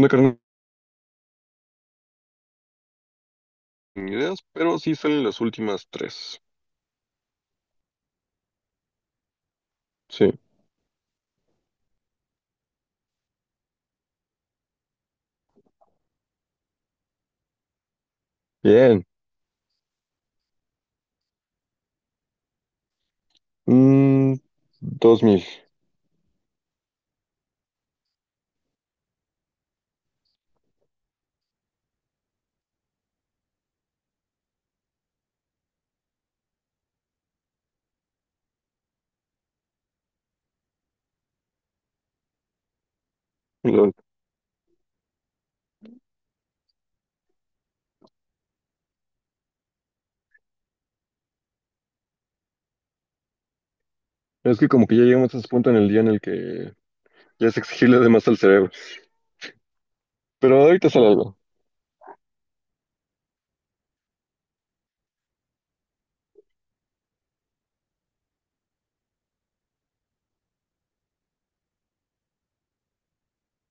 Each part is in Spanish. Una carrera ni ideas, pero sí salen las últimas tres. Sí. Bien. Mm, 2000. Lol. Es que como que ya llegamos a ese punto en el día en el que ya es exigirle de más al cerebro. Pero ahorita sale algo.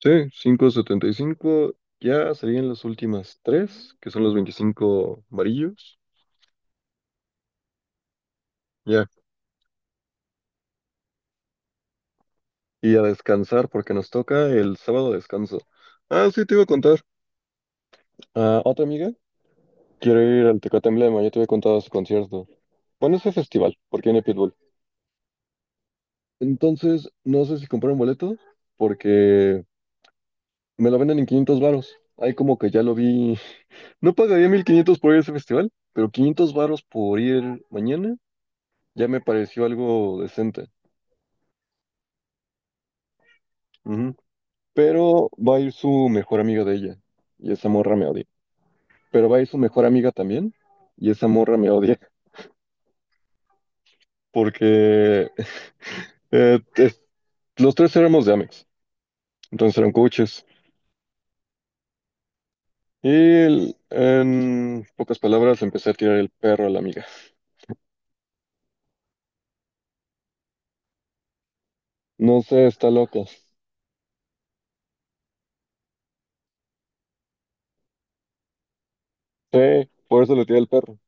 Sí, 575. Ya serían las últimas tres, que son los 25 amarillos. Ya. Y a descansar porque nos toca el sábado descanso. Ah, sí, te iba a contar. Ah, otra amiga quiere ir al Tecate Emblema. Ya te había contado su concierto. Bueno, ese festival, porque viene Pitbull. Entonces, no sé si comprar un boleto porque me lo venden en 500 varos. Ahí como que ya lo vi. No pagaría 1500 por ir a ese festival, pero 500 varos por ir mañana ya me pareció algo decente. Ujú. Pero va a ir su mejor amiga de ella y esa morra me odia. Pero va a ir su mejor amiga también y esa morra me odia. Porque eh, es- los tres éramos de Amex, entonces eran coaches. En pocas palabras empecé a tirar el perro a la amiga. No sé, está loca. Sí, por eso le tiré al perro.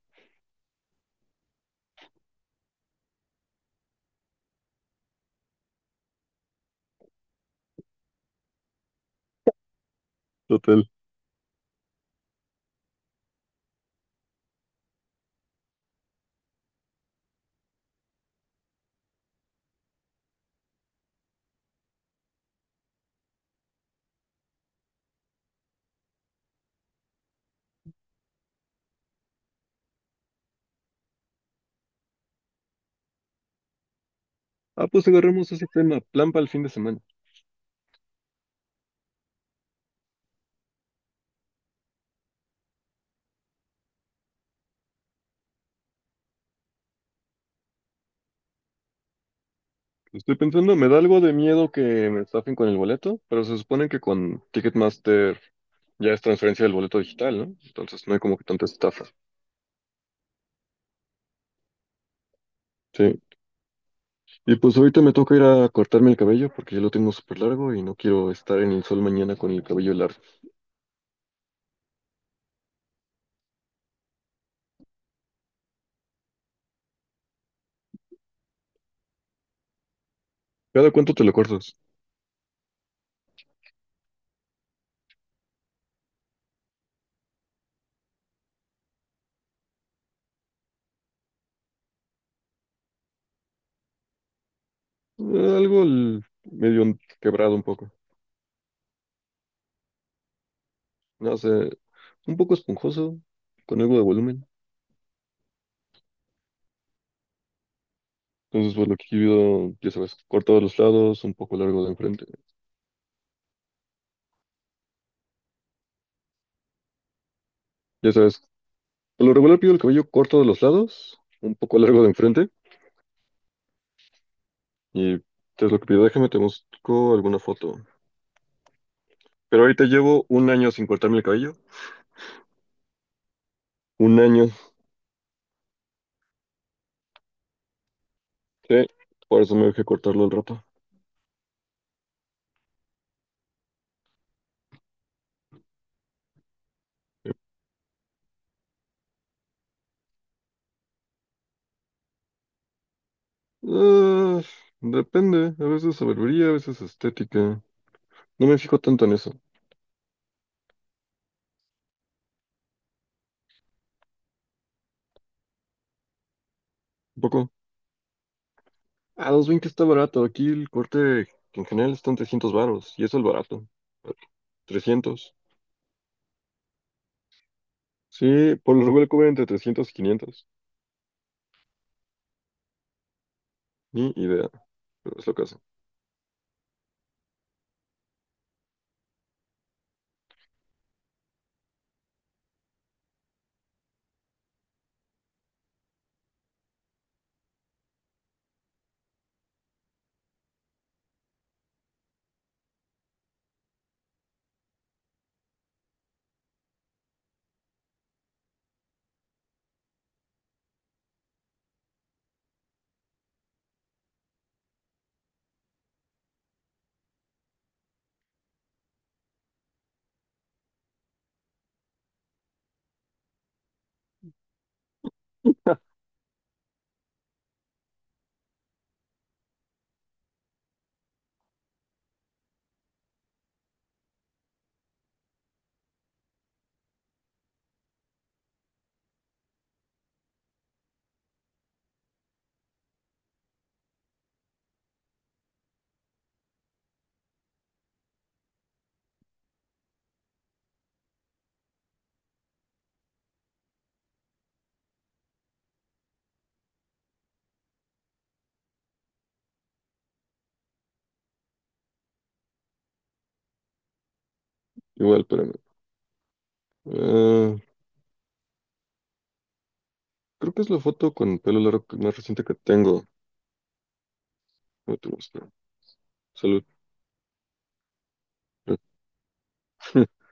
Total. Ah, pues agarremos ese tema. Plan para el fin de semana. Estoy pensando, me da algo de miedo que me estafen con el boleto, pero se supone que con Ticketmaster ya es transferencia del boleto digital, ¿no? Entonces no hay como que tanta estafa. Sí. Y pues ahorita me toca ir a cortarme el cabello porque ya lo tengo súper largo y no quiero estar en el sol mañana con el cabello largo. ¿Cada cuánto te lo cortas? Algo medio quebrado un poco. No sé, un poco esponjoso, con algo de volumen. Entonces, por lo que pido, ya sabes, corto de los lados, un poco largo de enfrente. Ya sabes, por lo regular pido el cabello corto de los lados, un poco largo de enfrente. Y es lo que pido. Déjame, te busco alguna foto. Pero ahorita llevo un año sin cortarme el cabello. Un año. Sí, por eso me dejé cortarlo al rato. Ah, depende. A veces sabiduría, a veces estética. No me fijo tanto en eso. Un poco. A 220 está barato. Aquí el corte en general están 300 varos. Y eso es el barato. Trescientos. Sí, por lo regular cobran entre 300 y 500. Ni idea, pero es lo que hacen. Igual, espérame. Ah, creo que es la foto con pelo largo más reciente que tengo. No te gusta. Salud.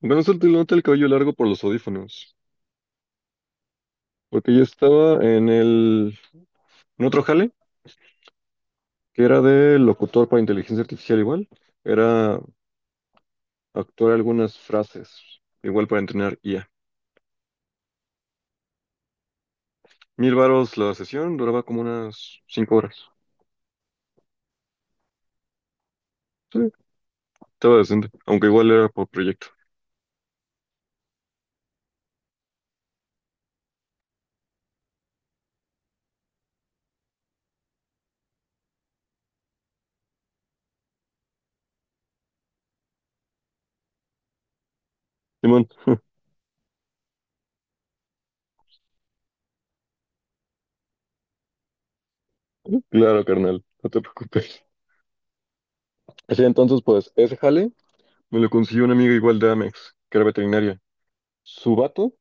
Bueno, solo te nota el cabello largo por los audífonos. Porque yo estaba en otro jale, que era de locutor para inteligencia artificial igual. Era actuar algunas frases, igual para entrenar IA. 1000 varos la sesión, duraba como unas 5 horas. Sí, estaba decente, aunque igual era por proyecto. Claro, carnal, no te preocupes. Así entonces, pues, ese jale me lo consiguió un amigo igual de Amex, que era veterinaria. Su vato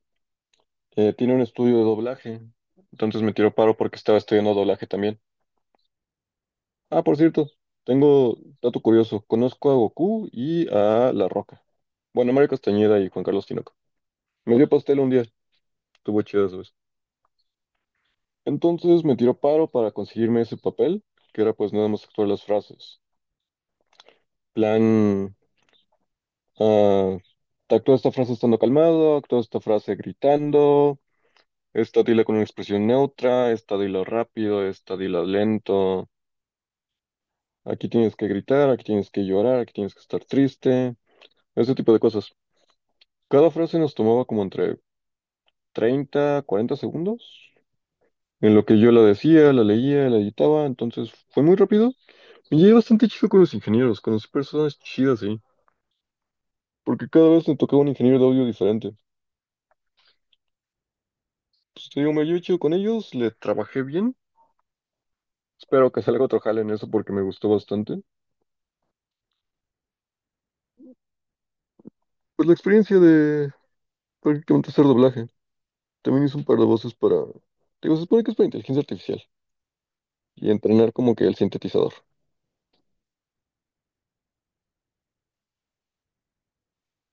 tiene un estudio de doblaje, entonces me tiró paro porque estaba estudiando doblaje también. Ah, por cierto, tengo dato curioso. Conozco a Goku y a La Roca. Bueno, Mario Castañeda y Juan Carlos Tinoco. Me dio pastel un día, estuvo chido esa vez. Entonces me tiró paro para conseguirme ese papel, que era pues nada más actuar las frases. Plan Ah, actúa esta frase estando calmado, actúa esta frase gritando, esta dila con una expresión neutra, esta dila rápido, esta dila lento. Aquí tienes que gritar, aquí tienes que llorar, aquí tienes que estar triste, ese tipo de cosas. Cada frase nos tomaba como entre 30 40 segundos, en lo que yo la decía, la leía, la editaba, entonces fue muy rápido. Me llevé bastante chido con los ingenieros, conocí personas chidas ahí, porque cada vez me tocaba un ingeniero de audio diferente. Pues te digo, me llevé chido con ellos, le trabajé bien. Espero que salga otro jale en eso porque me gustó bastante. Pues la experiencia de prácticamente hacer doblaje. También hice un par de voces para... Digo, se supone que es para inteligencia artificial y entrenar como que el sintetizador.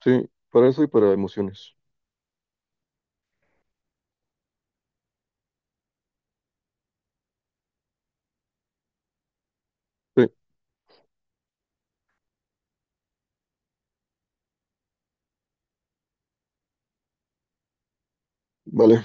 Sí, para eso y para emociones. Sí, vale.